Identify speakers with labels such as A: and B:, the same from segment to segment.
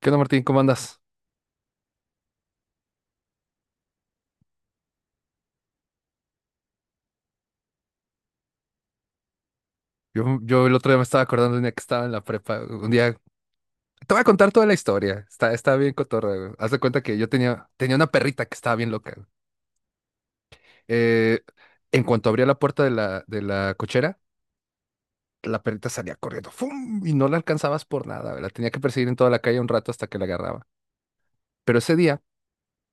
A: ¿Qué onda, Martín? ¿Cómo andas? Yo el otro día me estaba acordando de un día que estaba en la prepa. Un día, te voy a contar toda la historia. Está bien cotorra, güey. Haz de cuenta que yo tenía una perrita que estaba bien loca, güey. Eh, en cuanto abría la puerta de la cochera, la perrita salía corriendo. ¡Fum! Y no la alcanzabas por nada, güey. La tenía que perseguir en toda la calle un rato hasta que la agarraba. Pero ese día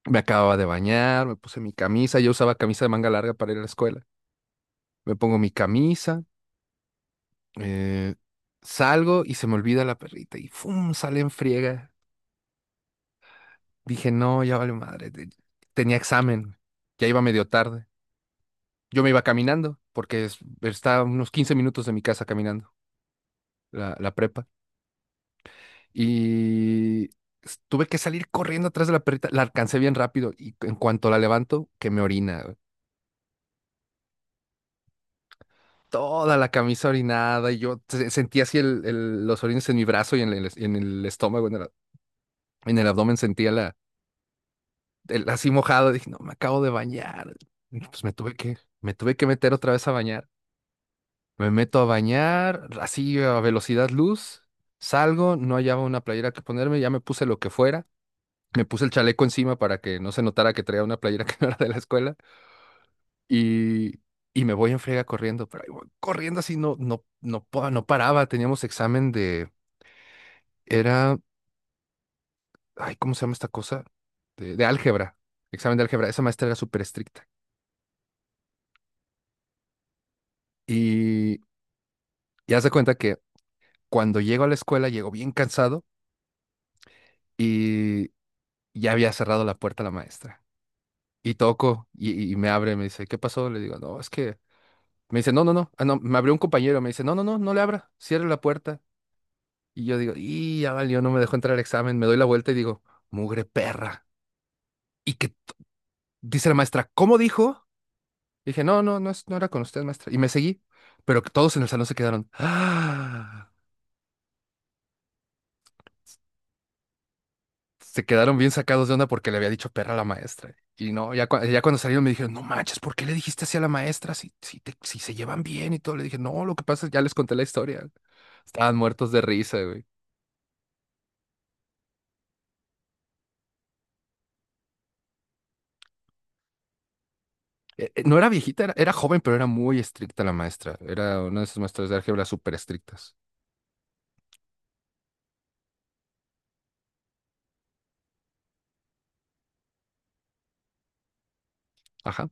A: me acababa de bañar, me puse mi camisa. Yo usaba camisa de manga larga para ir a la escuela. Me pongo mi camisa. eh, Salgo y se me olvida la perrita y ¡fum! Sale en friega. Dije, no, ya vale madre. Tenía examen, ya iba medio tarde. Yo me iba caminando, porque está a unos 15 minutos de mi casa caminando, la prepa. Y tuve que salir corriendo atrás de la perrita. La alcancé bien rápido y en cuanto la levanto, que me orina, güey. Toda la camisa orinada y yo sentía así los orines en mi brazo y en el estómago, en el abdomen sentía así mojado. Dije, no, me acabo de bañar. Pues me tuve que meter otra vez a bañar. Me meto a bañar, así a velocidad luz, salgo, no hallaba una playera que ponerme, ya me puse lo que fuera, me puse el chaleco encima para que no se notara que traía una playera que no era de la escuela y, y me voy en friega corriendo, pero ahí voy corriendo así no, no, no, no paraba, teníamos examen de, era, ay, ¿cómo se llama esta cosa? De álgebra, examen de álgebra, esa maestra era súper estricta y, y haz de cuenta que cuando llego a la escuela llego bien cansado y ya había cerrado la puerta la maestra. Y toco y me abre, me dice, ¿qué pasó? Le digo, no, es que... Me dice, no, no, no. Ah, no, me abrió un compañero, me dice, no, no, no, no le abra, cierre la puerta. Y yo digo, y ya valió, no me dejó entrar al examen. Me doy la vuelta y digo, mugre perra. Y que dice la maestra, ¿cómo dijo? Dije, no, no, no, no era con usted, maestra. Y me seguí, pero que todos en el salón se quedaron bien sacados de onda porque le había dicho perra a la maestra. Y no, ya cuando salieron me dijeron, no manches, ¿por qué le dijiste así a la maestra si se llevan bien y todo? Le dije, no, lo que pasa es que ya les conté la historia. Estaban muertos de risa, güey. No era viejita, era joven, pero era muy estricta la maestra. Era una de esas maestras de álgebra súper estrictas. Ajá.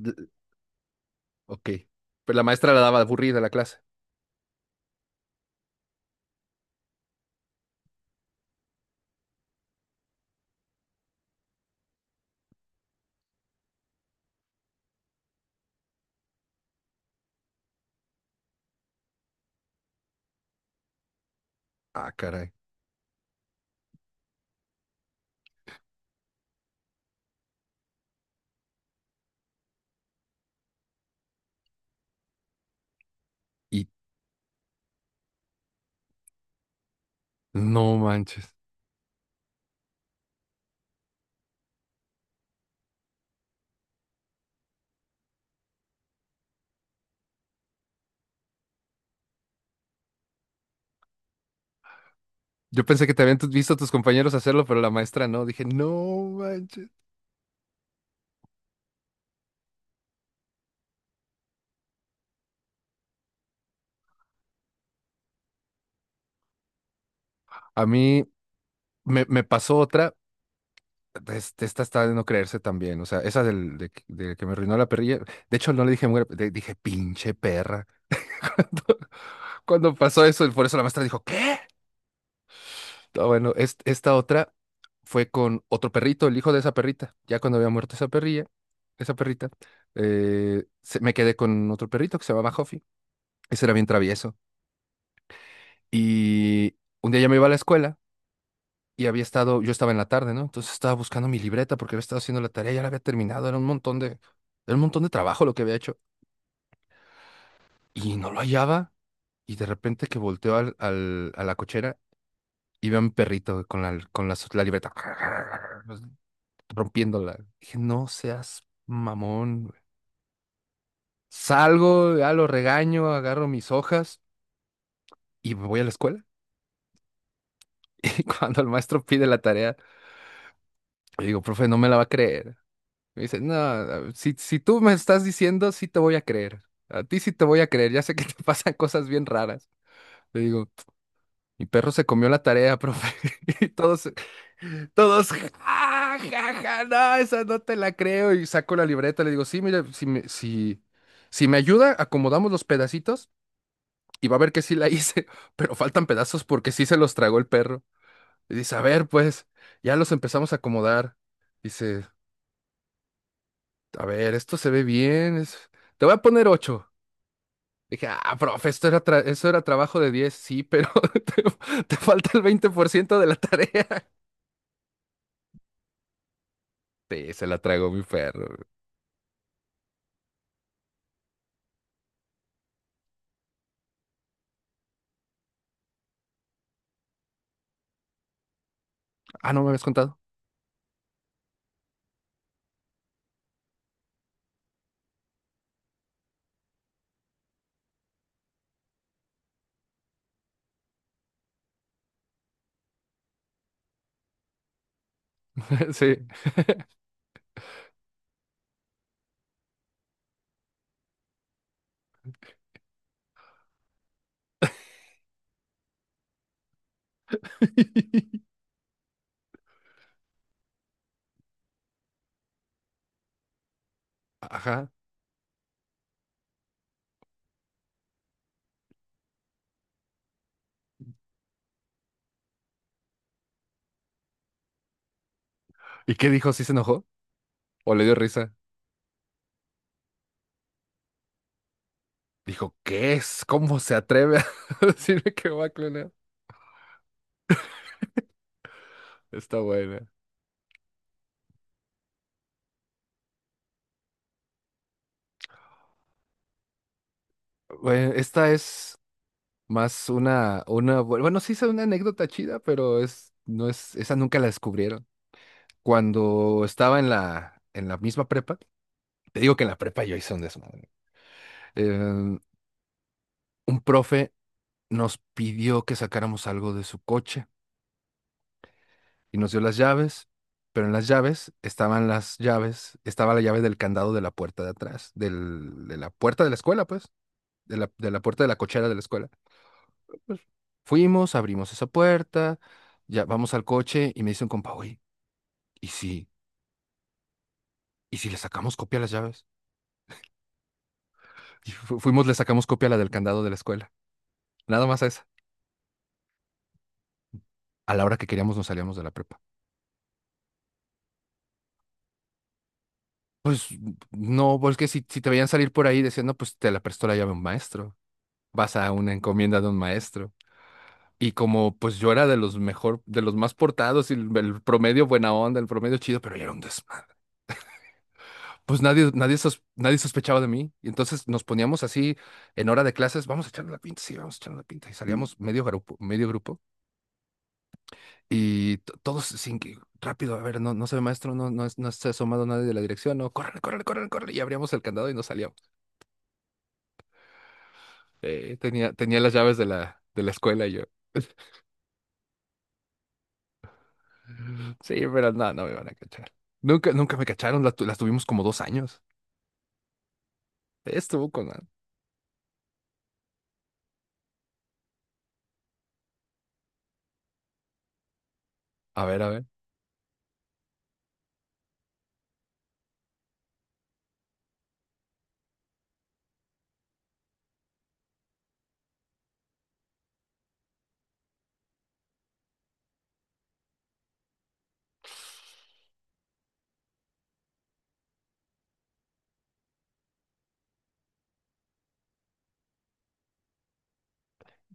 A: D- ok. Pero la maestra la daba aburrida la clase. Ah, caray. Y no manches. Yo pensé que te habían visto a tus compañeros hacerlo, pero la maestra no. Dije, no manches. A mí me pasó otra. Esta está de no creerse también. O sea, esa del, de que me arruinó la perrilla. De hecho, no le dije mujer, le dije pinche perra. Cuando pasó eso, y por eso la maestra dijo, ¿qué? Ah, bueno, esta otra fue con otro perrito, el hijo de esa perrita. Ya cuando había muerto esa perrita, me quedé con otro perrito que se llamaba Huffy. Ese era bien travieso. Y un día ya me iba a la escuela y había estado, yo estaba en la tarde, ¿no? Entonces estaba buscando mi libreta porque había estado haciendo la tarea, ya la había terminado, era un montón de trabajo lo que había hecho. Y no lo hallaba y de repente que volteo a la cochera y veo a mi perrito con la libreta. rompiéndola. Dije, no seas mamón, güey. Salgo, ya lo regaño, agarro mis hojas y me voy a la escuela. Y cuando el maestro pide la tarea, le digo, profe, no me la va a creer. Me dice, no, si, tú me estás diciendo, sí te voy a creer. A ti sí te voy a creer. Ya sé que te pasan cosas bien raras. Le digo, mi perro se comió la tarea, profe. Y todos, ja, ja, ja, no, esa no te la creo. Y saco la libreta, le digo, sí, mire, si me ayuda, acomodamos los pedacitos y va a ver que sí la hice, pero faltan pedazos porque sí se los tragó el perro. Y dice, a ver, pues, ya los empezamos a acomodar. Dice, a ver, esto se ve bien, te voy a poner ocho. Dije, ah, profe, esto era eso era trabajo de 10, sí, pero te falta el 20% de la tarea. Sí, se la tragó mi perro. Ah, ¿no me habías contado? Sí. Ajá. ¿Y qué dijo? ¿Sí se enojó? ¿O le dio risa? Dijo, ¿qué es? ¿Cómo se atreve a decirme que va a clonar? Está buena. Bueno, esta es más una, bueno, sí es una anécdota chida, pero es, no es, esa nunca la descubrieron. Cuando estaba en la misma prepa, te digo que en la prepa yo hice un desmadre. Eh, un profe nos pidió que sacáramos algo de su coche. Y nos dio las llaves, pero en las llaves estaban las llaves, estaba la llave del candado de la puerta de atrás, de la puerta de la escuela, pues, de la puerta de la cochera de la escuela. Pues, fuimos, abrimos esa puerta, ya vamos al coche y me dice un compa, oye, ¿y si, y si le sacamos copia a las llaves? Fuimos, le sacamos copia a la del candado de la escuela, nada más a esa. A la hora que queríamos nos salíamos de la prepa. Pues no, porque si te veían salir por ahí diciendo, pues te la prestó la llave un maestro. Vas a una encomienda de un maestro. Y como pues yo era de los mejor, de los más portados y el promedio buena onda, el promedio chido, pero yo era un desmadre. Pues nadie sospechaba de mí. Y entonces nos poníamos así en hora de clases, vamos a echarle la pinta, sí, vamos a echarle la pinta. Y salíamos medio grupo, medio grupo. Y todos sin que, rápido, a ver, no, no se ve maestro, no, no, no se ha asomado nadie de la dirección, no, córrele, córrele, córrele, córrele. Y abríamos el candado y nos salíamos. Tenía las llaves de la escuela y yo. Sí, pero no me van a cachar. Nunca, nunca me cacharon, las tuvimos como 2 años. Estuvo con. A ver, a ver.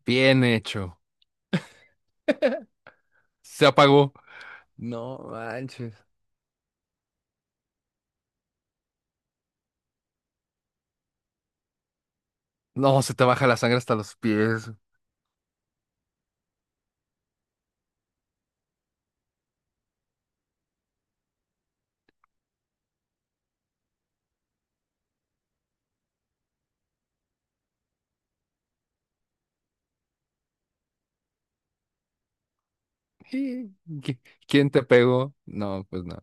A: Bien hecho. Se apagó. No manches. No, se te baja la sangre hasta los pies. Sí. Quién te pegó? No, pues no.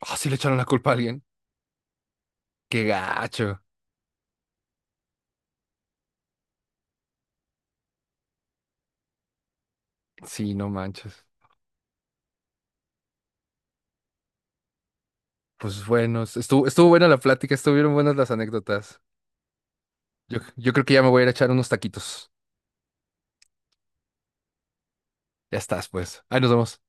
A: Ah, sí le echaron la culpa a alguien. Qué gacho. Sí, no manches. Pues bueno, estuvo buena la plática, estuvieron buenas las anécdotas. Yo creo que ya me voy a ir a echar unos taquitos. Ya estás, pues. Ahí nos vemos.